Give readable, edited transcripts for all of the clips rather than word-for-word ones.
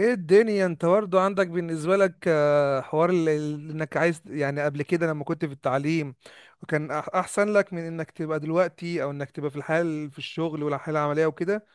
ايه الدنيا، انت برضه عندك بالنسبه لك حوار انك عايز، يعني قبل كده لما كنت في التعليم وكان احسن لك من انك تبقى دلوقتي او انك تبقى في الحال في الشغل والحاله العمليه وكده.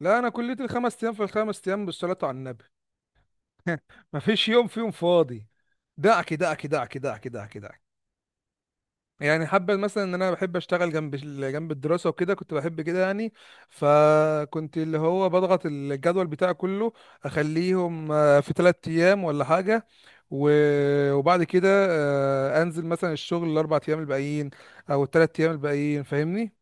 لا انا كليتي الخمس ايام، في الخمس ايام بالصلاه على النبي. مفيش يوم فيهم فاضي. دعك دعك دعك دعك دعك دعك. يعني حابة مثلا ان انا بحب اشتغل جنب جنب الدراسة وكده، كنت بحب كده يعني. فكنت اللي هو بضغط الجدول بتاعي كله، اخليهم في ثلاث ايام ولا حاجة. وبعد كده انزل مثلا الشغل الاربع ايام الباقيين او الثلاث ايام الباقيين، فاهمني؟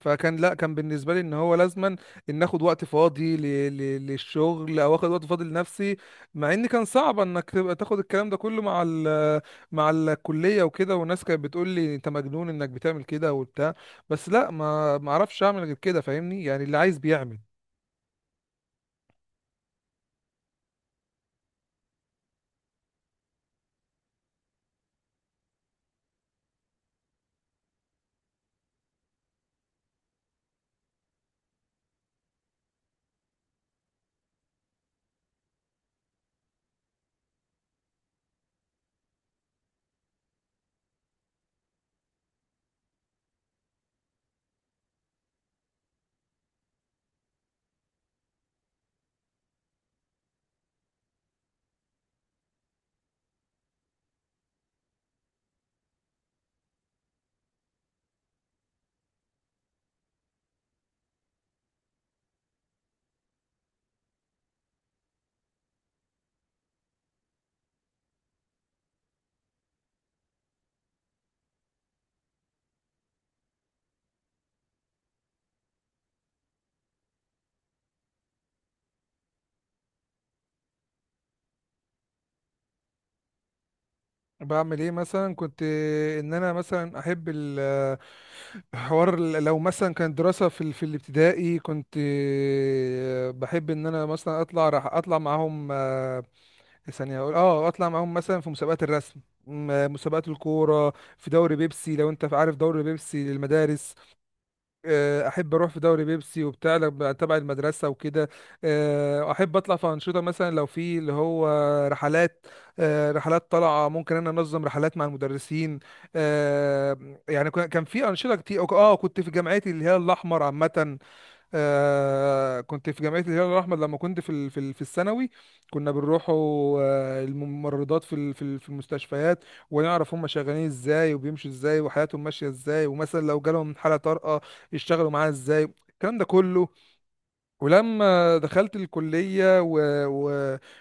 فكان، لا، كان بالنسبه لي ان هو لازما ان اخد وقت فاضي للشغل او اخد وقت فاضي لنفسي. مع ان كان صعب انك تبقى تاخد الكلام ده كله مع مع الكليه وكده، والناس كانت بتقول لي انت مجنون انك بتعمل كده وبتاع. بس لا، ما اعرفش اعمل غير كده، فاهمني؟ يعني اللي عايز بيعمل. بعمل ايه مثلا؟ كنت ان انا مثلا احب حوار لو مثلا كانت دراسة في في الابتدائي، كنت بحب ان انا مثلا اطلع، راح اطلع معاهم ثانية، أقول أه أطلع معاهم مثلا في مسابقات الرسم، مسابقات الكورة في دوري بيبسي، لو أنت عارف دوري بيبسي للمدارس. أحب أروح في دوري بيبسي وبتاع تبع المدرسة وكده. أحب أطلع في أنشطة، مثلا لو في اللي هو رحلات. رحلات طالعة، ممكن أنا أنظم رحلات مع المدرسين. يعني كان في أنشطة كتير. أه كنت في جامعتي اللي هي الأحمر عامة. آه كنت في جمعية الهلال الأحمر لما كنت في في الثانوي. كنا بنروحوا الممرضات في في المستشفيات، ونعرف هم شغالين ازاي، وبيمشوا ازاي، وحياتهم ماشية ازاي، ومثلا لو جالهم حالة طارئة يشتغلوا معاها ازاي، الكلام ده كله. ولما دخلت الكلية و...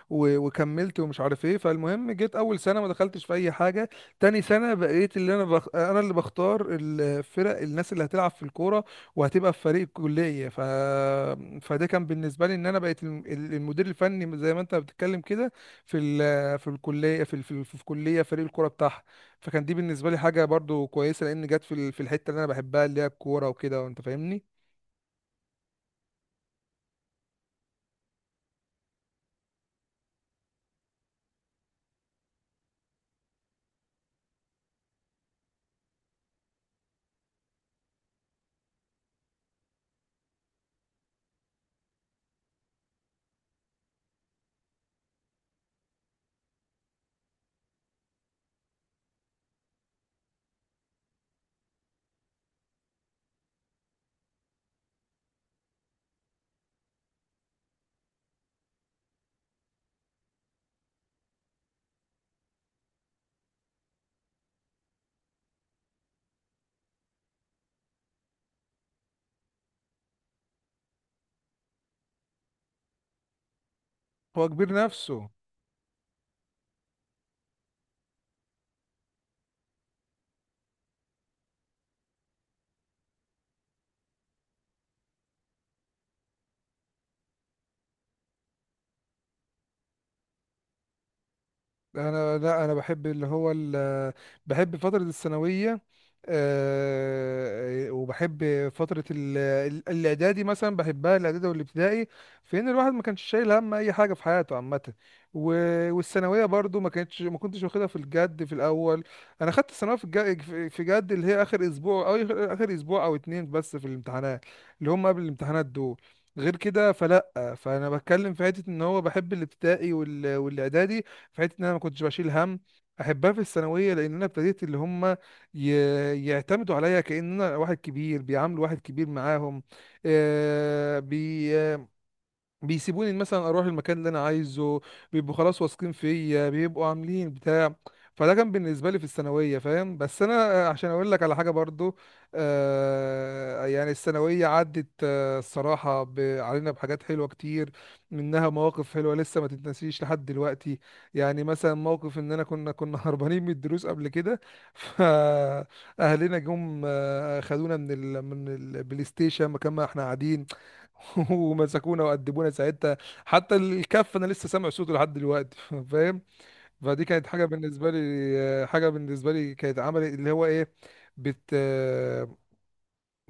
وكملت ومش عارف ايه، فالمهم جيت اول سنة ما دخلتش في اي حاجة. تاني سنة بقيت اللي انا اللي بختار الفرق، الناس اللي هتلعب في الكورة وهتبقى في فريق الكلية. فده كان بالنسبة لي ان انا بقيت المدير الفني، زي ما انت بتتكلم كده، في في الكلية، في في كلية، فريق الكورة بتاعها. فكان دي بالنسبة لي حاجة برضو كويسة، لان جت في في الحتة اللي انا بحبها، اللي هي الكورة وكده، وانت فاهمني. هو كبير نفسه. انا لا، انا بحب بحب فترة الثانوية. وبحب فترة الاعدادي مثلا، بحبها الاعدادي والابتدائي في ان الواحد ما كانش شايل هم اي حاجة في حياته عامة. و... والثانوية برضو ما كنتش واخدها في الجد في الاول. انا خدت الثانوية في الجد في جد، اللي هي اخر اسبوع، او آخر اسبوع او اتنين، بس في الامتحانات اللي هم قبل الامتحانات دول. غير كده فلا. فانا بتكلم في حته ان هو بحب الابتدائي والاعدادي في حته ان انا ما كنتش بشيل هم. احبها في الثانويه لان انا ابتديت اللي هم ي... يعتمدوا عليا، كان انا واحد كبير، بيعاملوا واحد كبير معاهم. آه بي... بيسيبوني مثلا اروح المكان اللي انا عايزه. بيبقوا خلاص واثقين فيا، بيبقوا عاملين بتاع. فده كان بالنسبه لي في الثانويه، فاهم؟ بس انا عشان اقول لك على حاجه برضو، آه يعني الثانويه عدت، آه، الصراحه علينا بحاجات حلوه كتير. منها مواقف حلوه لسه ما تتنسيش لحد دلوقتي. يعني مثلا موقف ان انا كنا هربانين من الدروس قبل كده، فاهلنا جم خدونا من من البلاي ستيشن مكان ما احنا قاعدين، ومسكونا وأدبونا ساعتها. حتى الكف انا لسه سامع صوته لحد دلوقتي، فاهم؟ فدي كانت حاجه بالنسبه لي، كانت عمل اللي هو ايه، بت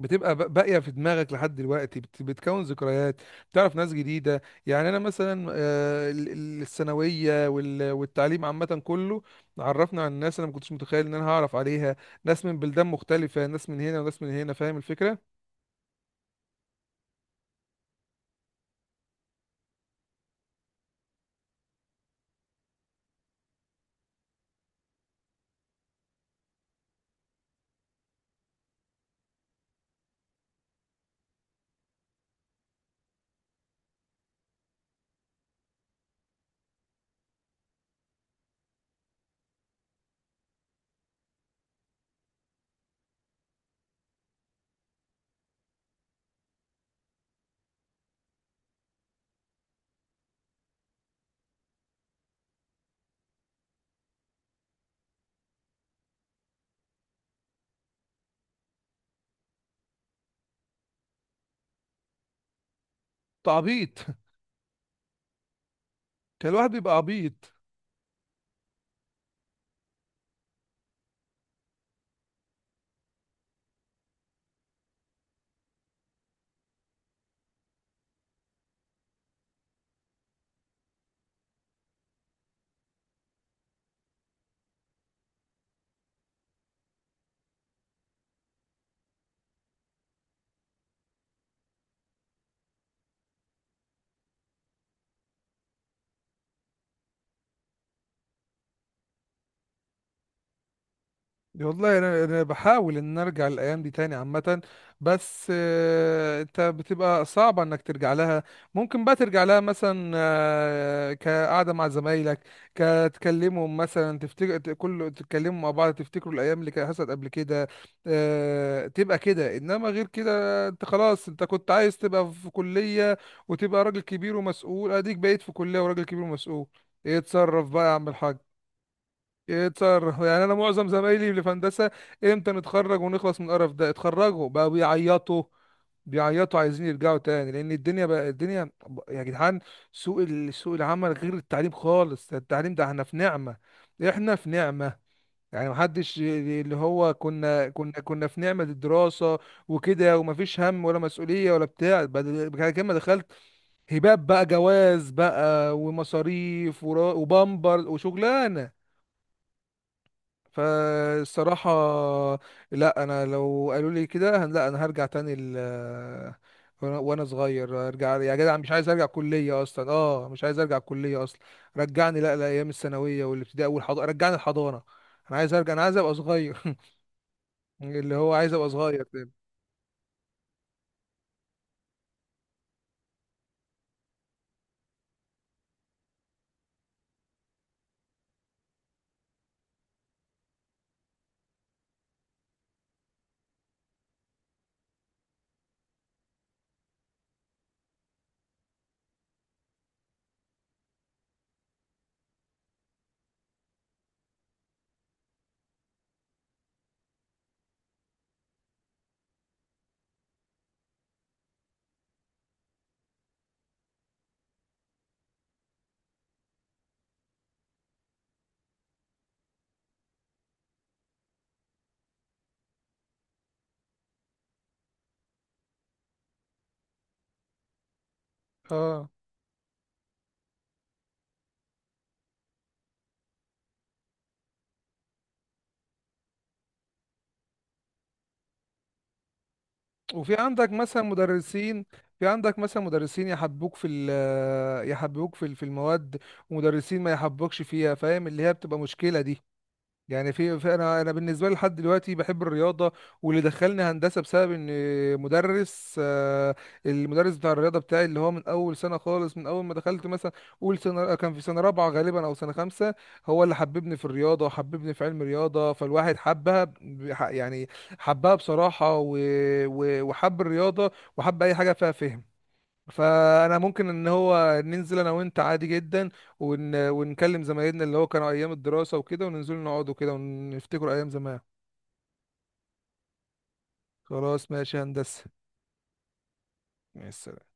بتبقى باقيه في دماغك لحد دلوقتي، بتكون ذكريات. بتعرف ناس جديده، يعني انا مثلا الثانويه والتعليم عامه كله، عرفنا عن ناس انا ما كنتش متخيل ان انا هعرف عليها، ناس من بلدان مختلفه، ناس من هنا وناس من هنا، فاهم الفكره؟ تعبيط. كان الواحد بيبقى عبيط. والله انا بحاول ان أنا ارجع الايام دي تاني عامه، بس انت بتبقى صعبه انك ترجع لها. ممكن بقى ترجع لها مثلا كقعده مع زمايلك، كتكلمهم مثلا تفتكر ت- كل تتكلموا مع بعض تفتكروا الايام اللي كانت حصلت قبل كده. تبقى كده، انما غير كده انت خلاص، انت كنت عايز تبقى في كليه وتبقى راجل كبير ومسؤول، اديك بقيت في كليه وراجل كبير ومسؤول. ايه، اتصرف بقى يا عم الحاج. يتصرف يعني. انا معظم زمايلي اللي في هندسه، امتى نتخرج ونخلص من القرف ده؟ اتخرجوا بقوا بيعيطوا عايزين يرجعوا تاني، لان الدنيا بقى الدنيا يا جدعان. سوق سوق العمل غير التعليم خالص. ده التعليم ده احنا في نعمة، احنا في نعمة. يعني محدش اللي هو كنا في نعمة الدراسة وكده، ومفيش هم ولا مسؤولية ولا بتاع. بعد كده ما دخلت، هباب بقى، جواز بقى، ومصاريف وبامبر وشغلانة. فالصراحة لا، انا لو قالوا لي كده لا، انا هرجع تاني وأنا صغير، ارجع يا جدع، مش عايز ارجع كلية اصلا. اه مش عايز ارجع كلية اصلا. رجعني، لا لايام الثانوية والابتدائي والحضانة، رجعني الحضانة. انا عايز ارجع، انا عايز ابقى صغير. اللي هو عايز ابقى صغير تاني. اه. وفي عندك مثلا مدرسين، في عندك مثلا مدرسين يحبوك في يحبوك في في المواد، ومدرسين ما يحبوكش فيها، فاهم؟ اللي هي بتبقى مشكلة دي. يعني في, في انا، بالنسبه لي لحد دلوقتي بحب الرياضه، واللي دخلني هندسه بسبب ان مدرس، المدرس بتاع الرياضه بتاعي، اللي هو من اول سنه خالص، من اول ما دخلت مثلا اول سنه، كان في سنه رابعه غالبا او سنه خمسه، هو اللي حببني في الرياضه وحببني في علم الرياضه. فالواحد حبها يعني حبها بصراحه، وحب الرياضه وحب اي حاجه فيها فهم. فانا ممكن ان هو ننزل انا وانت عادي جدا ونكلم زمايلنا اللي هو كانوا ايام الدراسة وكده، وننزل نقعدوا كده ونفتكروا ايام زمان. خلاص ماشي يا هندسة، مع السلامة.